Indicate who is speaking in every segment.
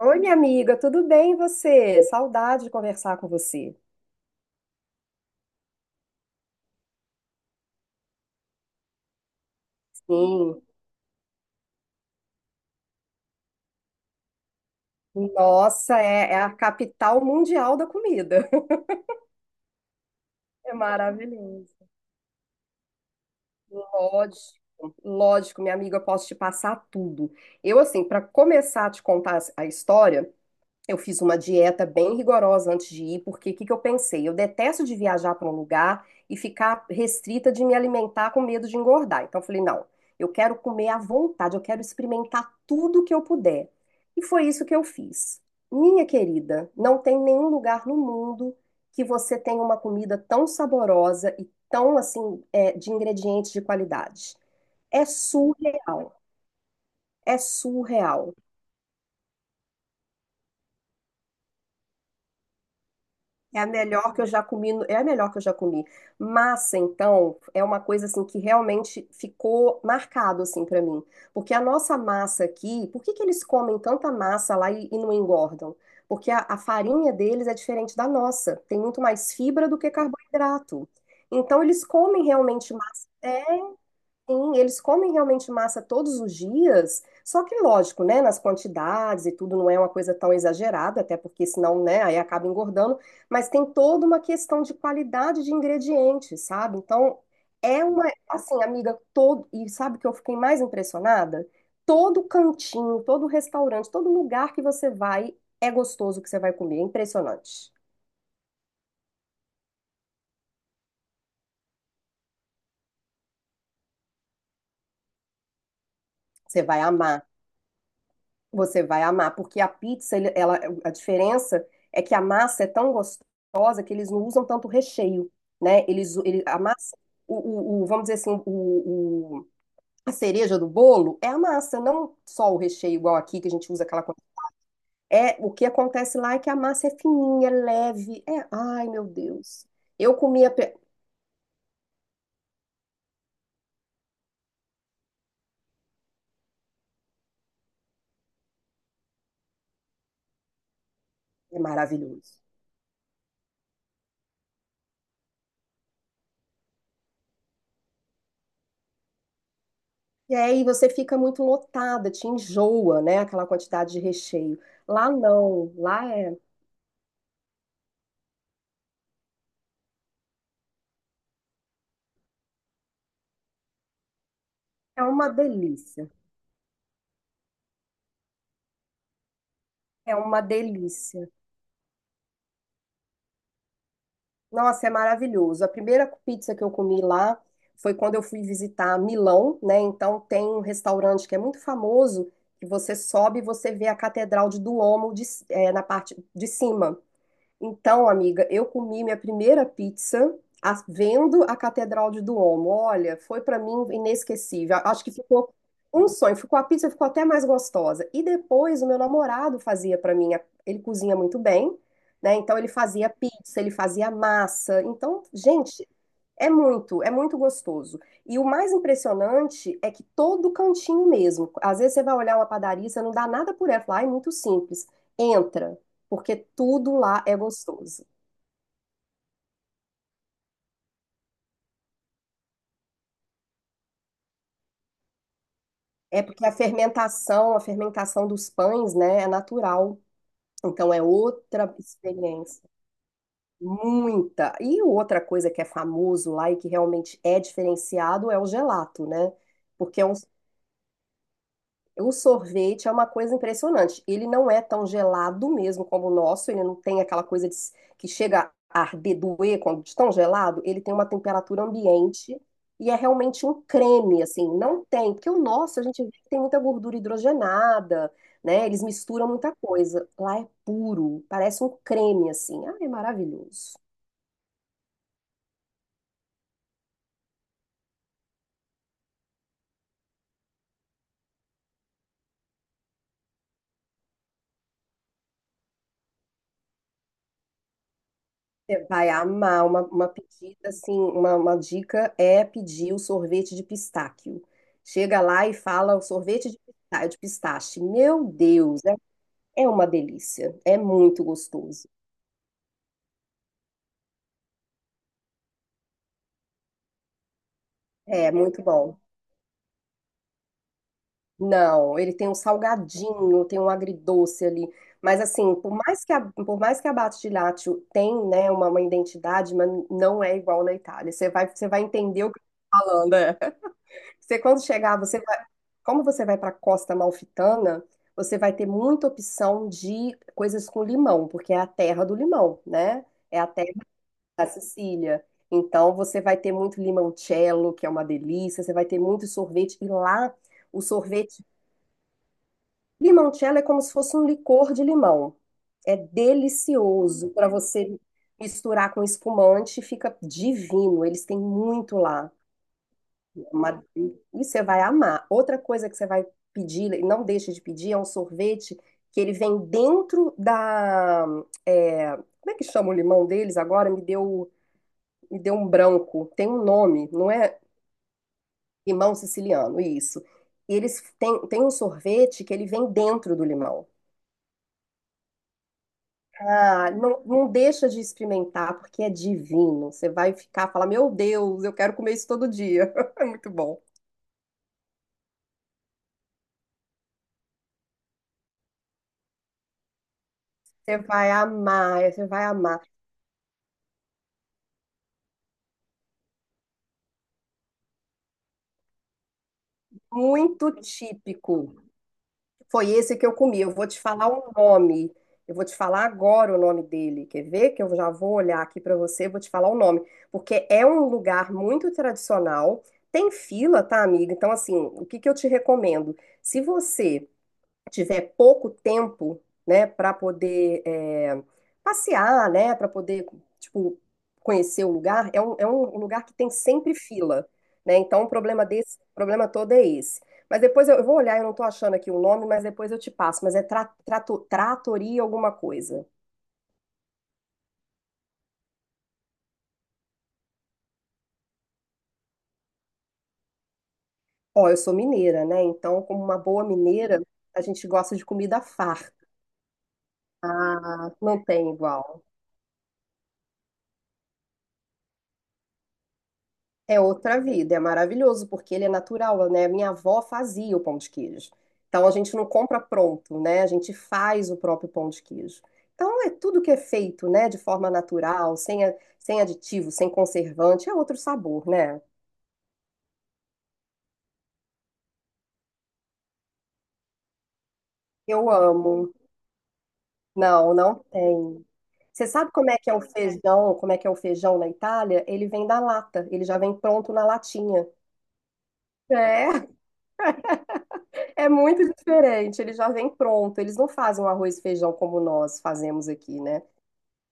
Speaker 1: Oi, minha amiga, tudo bem e você? Saudade de conversar com você. Sim. Nossa, é a capital mundial da comida. É maravilhoso. Lógico, lógico, minha amiga, eu posso te passar tudo. Eu, assim, para começar a te contar a história, eu fiz uma dieta bem rigorosa antes de ir, porque o que que eu pensei? Eu detesto de viajar para um lugar e ficar restrita de me alimentar com medo de engordar. Então eu falei, não, eu quero comer à vontade, eu quero experimentar tudo que eu puder. E foi isso que eu fiz. Minha querida, não tem nenhum lugar no mundo que você tenha uma comida tão saborosa e tão assim, de ingredientes de qualidade. É surreal, é surreal. É a melhor que eu já comi, é a melhor que eu já comi. Massa, então, é uma coisa assim que realmente ficou marcado assim para mim, porque a nossa massa aqui, por que que eles comem tanta massa lá e não engordam? Porque a farinha deles é diferente da nossa, tem muito mais fibra do que carboidrato. Então eles comem realmente massa. Sim, eles comem realmente massa todos os dias, só que lógico, né, nas quantidades e tudo não é uma coisa tão exagerada, até porque senão, né, aí acaba engordando, mas tem toda uma questão de qualidade de ingredientes, sabe? Então, é uma, assim, amiga, e sabe o que eu fiquei mais impressionada? Todo cantinho, todo restaurante, todo lugar que você vai, é gostoso o que você vai comer, é impressionante. Você vai amar. Você vai amar, porque a pizza, ela, a diferença é que a massa é tão gostosa que eles não usam tanto recheio, né? A massa, o, vamos dizer assim, a cereja do bolo é a massa, não só o recheio igual aqui que a gente usa aquela coisa. É, o que acontece lá é que a massa é fininha, é leve, ai meu Deus. Eu comia, é maravilhoso. E aí você fica muito lotada, te enjoa, né? Aquela quantidade de recheio. Lá não, lá é uma delícia. É uma delícia. Nossa, é maravilhoso. A primeira pizza que eu comi lá foi quando eu fui visitar Milão, né? Então tem um restaurante que é muito famoso, que você sobe e você vê a Catedral de Duomo na parte de cima. Então, amiga, eu comi minha primeira pizza vendo a Catedral de Duomo. Olha, foi para mim inesquecível. Acho que ficou um sonho. Ficou a pizza ficou até mais gostosa. E depois o meu namorado fazia para mim. Ele cozinha muito bem, né? Então ele fazia pizza, ele fazia massa. Então, gente, é muito gostoso. E o mais impressionante é que todo cantinho mesmo. Às vezes você vai olhar uma padaria, você não dá nada por ela, fala, "Ai, muito simples. Entra porque tudo lá é gostoso. É porque a fermentação dos pães, né, é natural. Então é outra experiência. Muita. E outra coisa que é famoso lá e que realmente é diferenciado é o gelato, né? Porque é um O sorvete é uma coisa impressionante. Ele não é tão gelado mesmo como o nosso, ele não tem aquela coisa de, que chega a arder, doer quando de tão gelado. Ele tem uma temperatura ambiente e é realmente um creme, assim. Não tem, porque o nosso a gente vê que tem muita gordura hidrogenada, né? Eles misturam muita coisa. Lá é puro, parece um creme, assim. Ah, é maravilhoso. Você vai amar uma pedida, assim, uma dica é pedir o sorvete de pistáquio. Chega lá e fala o sorvete de pistache. Meu Deus, é uma delícia. É muito gostoso. É muito bom. Não, ele tem um salgadinho, tem um agridoce ali. Mas assim, por mais que a Bate de tem, né, uma identidade, mas não é igual na Itália. Você vai entender o que eu tô falando. É. Você quando chegar, você vai, como você vai para a Costa Malfitana você vai ter muita opção de coisas com limão, porque é a terra do limão, né? É a terra da Sicília. Então você vai ter muito limoncello, que é uma delícia, você vai ter muito sorvete e lá o sorvete limoncello é como se fosse um licor de limão. É delicioso para você misturar com espumante, fica divino. Eles têm muito lá. E você vai amar. Outra coisa que você vai pedir, e não deixe de pedir, é um sorvete que ele vem dentro da. É, como é que chama o limão deles agora? Me deu um branco. Tem um nome, não é limão siciliano, isso. E eles têm, tem um sorvete que ele vem dentro do limão. Ah, não, não deixa de experimentar, porque é divino. Você vai ficar, falar, meu Deus, eu quero comer isso todo dia. É muito bom. Você vai amar, você vai amar. Muito típico. Foi esse que eu comi. Eu vou te falar o nome. Eu vou te falar agora o nome dele. Quer ver? Que eu já vou olhar aqui para você, vou te falar o nome, porque é um lugar muito tradicional. Tem fila, tá, amiga? Então, assim, o que que eu te recomendo? Se você tiver pouco tempo, né, para poder passear, né, para poder, tipo, conhecer o lugar, é um lugar que tem sempre fila, né? Então, o problema desse, o problema todo é esse. Mas depois eu vou olhar, eu não tô achando aqui o nome, mas depois eu te passo. Mas é tratoria alguma coisa. Ó, eu sou mineira, né? Então, como uma boa mineira, a gente gosta de comida farta. Ah, não tem igual. É outra vida, é maravilhoso, porque ele é natural, né? Minha avó fazia o pão de queijo. Então a gente não compra pronto, né? A gente faz o próprio pão de queijo. Então é tudo que é feito, né, de forma natural, sem aditivo, sem conservante, é outro sabor, né? Eu amo. Não, não tem. Você sabe como é que é o feijão, como é que é o feijão na Itália? Ele vem da lata, ele já vem pronto na latinha. É, É muito diferente, ele já vem pronto. Eles não fazem um arroz e feijão como nós fazemos aqui, né?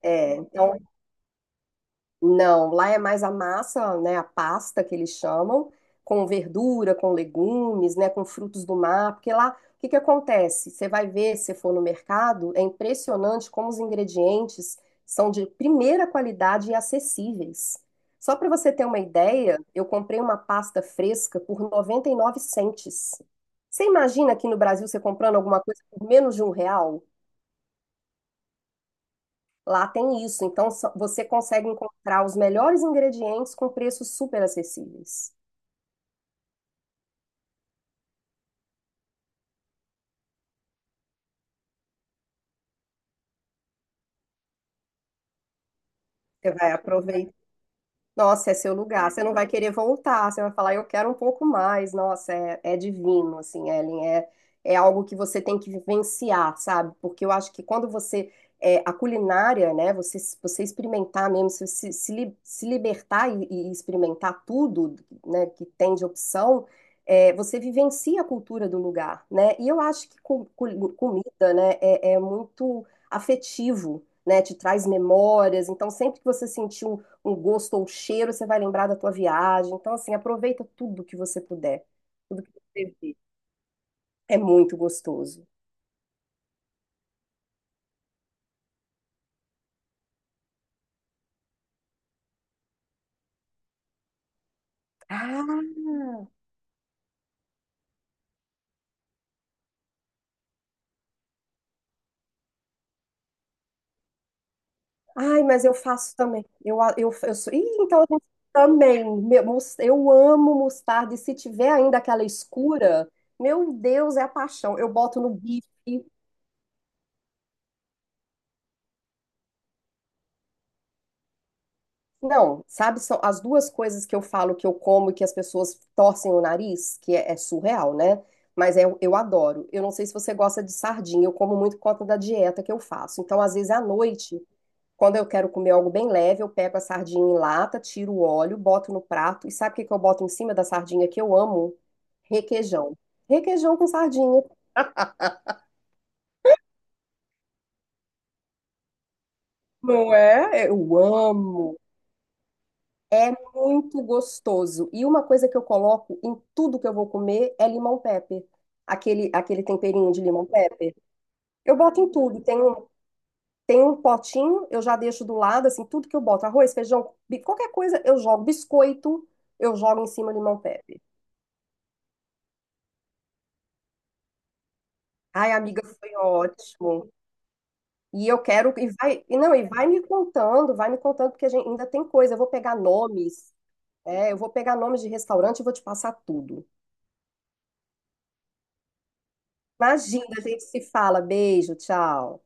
Speaker 1: É, então não, lá é mais a massa, né, a pasta que eles chamam, com verdura, com legumes, né, com frutos do mar, porque lá o que que acontece? Você vai ver, se for no mercado, é impressionante como os ingredientes são de primeira qualidade e acessíveis. Só para você ter uma ideia, eu comprei uma pasta fresca por 99 centes. Você imagina aqui no Brasil você comprando alguma coisa por menos de R$ 1? Lá tem isso, então você consegue encontrar os melhores ingredientes com preços super acessíveis. Você vai Nossa, é seu lugar. Você não vai querer voltar. Você vai falar, eu quero um pouco mais. Nossa, é divino, assim, Ellen. É algo que você tem que vivenciar, sabe? Porque eu acho que quando você. A culinária, né? Você experimentar mesmo, você se libertar e experimentar tudo, né, que tem de opção, você vivencia a cultura do lugar, né? E eu acho que comida, né, é muito afetivo né, te traz memórias. Então, sempre que você sentir um gosto ou um cheiro, você vai lembrar da tua viagem. Então, assim, aproveita tudo que você puder, tudo que você vê. É muito gostoso. Ah, ai, mas eu faço também. Eu sou. Ih, então eu também. Eu amo mostarda. E se tiver ainda aquela escura, meu Deus, é a paixão. Eu boto no bife. Não, sabe, são as duas coisas que eu falo que eu como e que as pessoas torcem o nariz, que é surreal, né? Mas é, eu adoro. Eu não sei se você gosta de sardinha, eu como muito por conta da dieta que eu faço. Então, às vezes à noite, quando eu quero comer algo bem leve, eu pego a sardinha em lata, tiro o óleo, boto no prato. E sabe o que que eu boto em cima da sardinha que eu amo? Requeijão. Requeijão com sardinha. Não é? Eu amo. É muito gostoso. E uma coisa que eu coloco em tudo que eu vou comer é limão pepper. Aquele temperinho de limão pepper. Eu boto em tudo. Tem um potinho, eu já deixo do lado, assim, tudo que eu boto. Arroz, feijão, qualquer coisa, eu jogo. Biscoito, eu jogo em cima limão pepper. Ai, amiga, foi ótimo. E eu quero, e não, e vai me contando, porque a gente ainda tem coisa. Eu vou pegar nomes, eu vou pegar nomes de restaurante e vou te passar tudo. Imagina, a gente se fala. Beijo, tchau.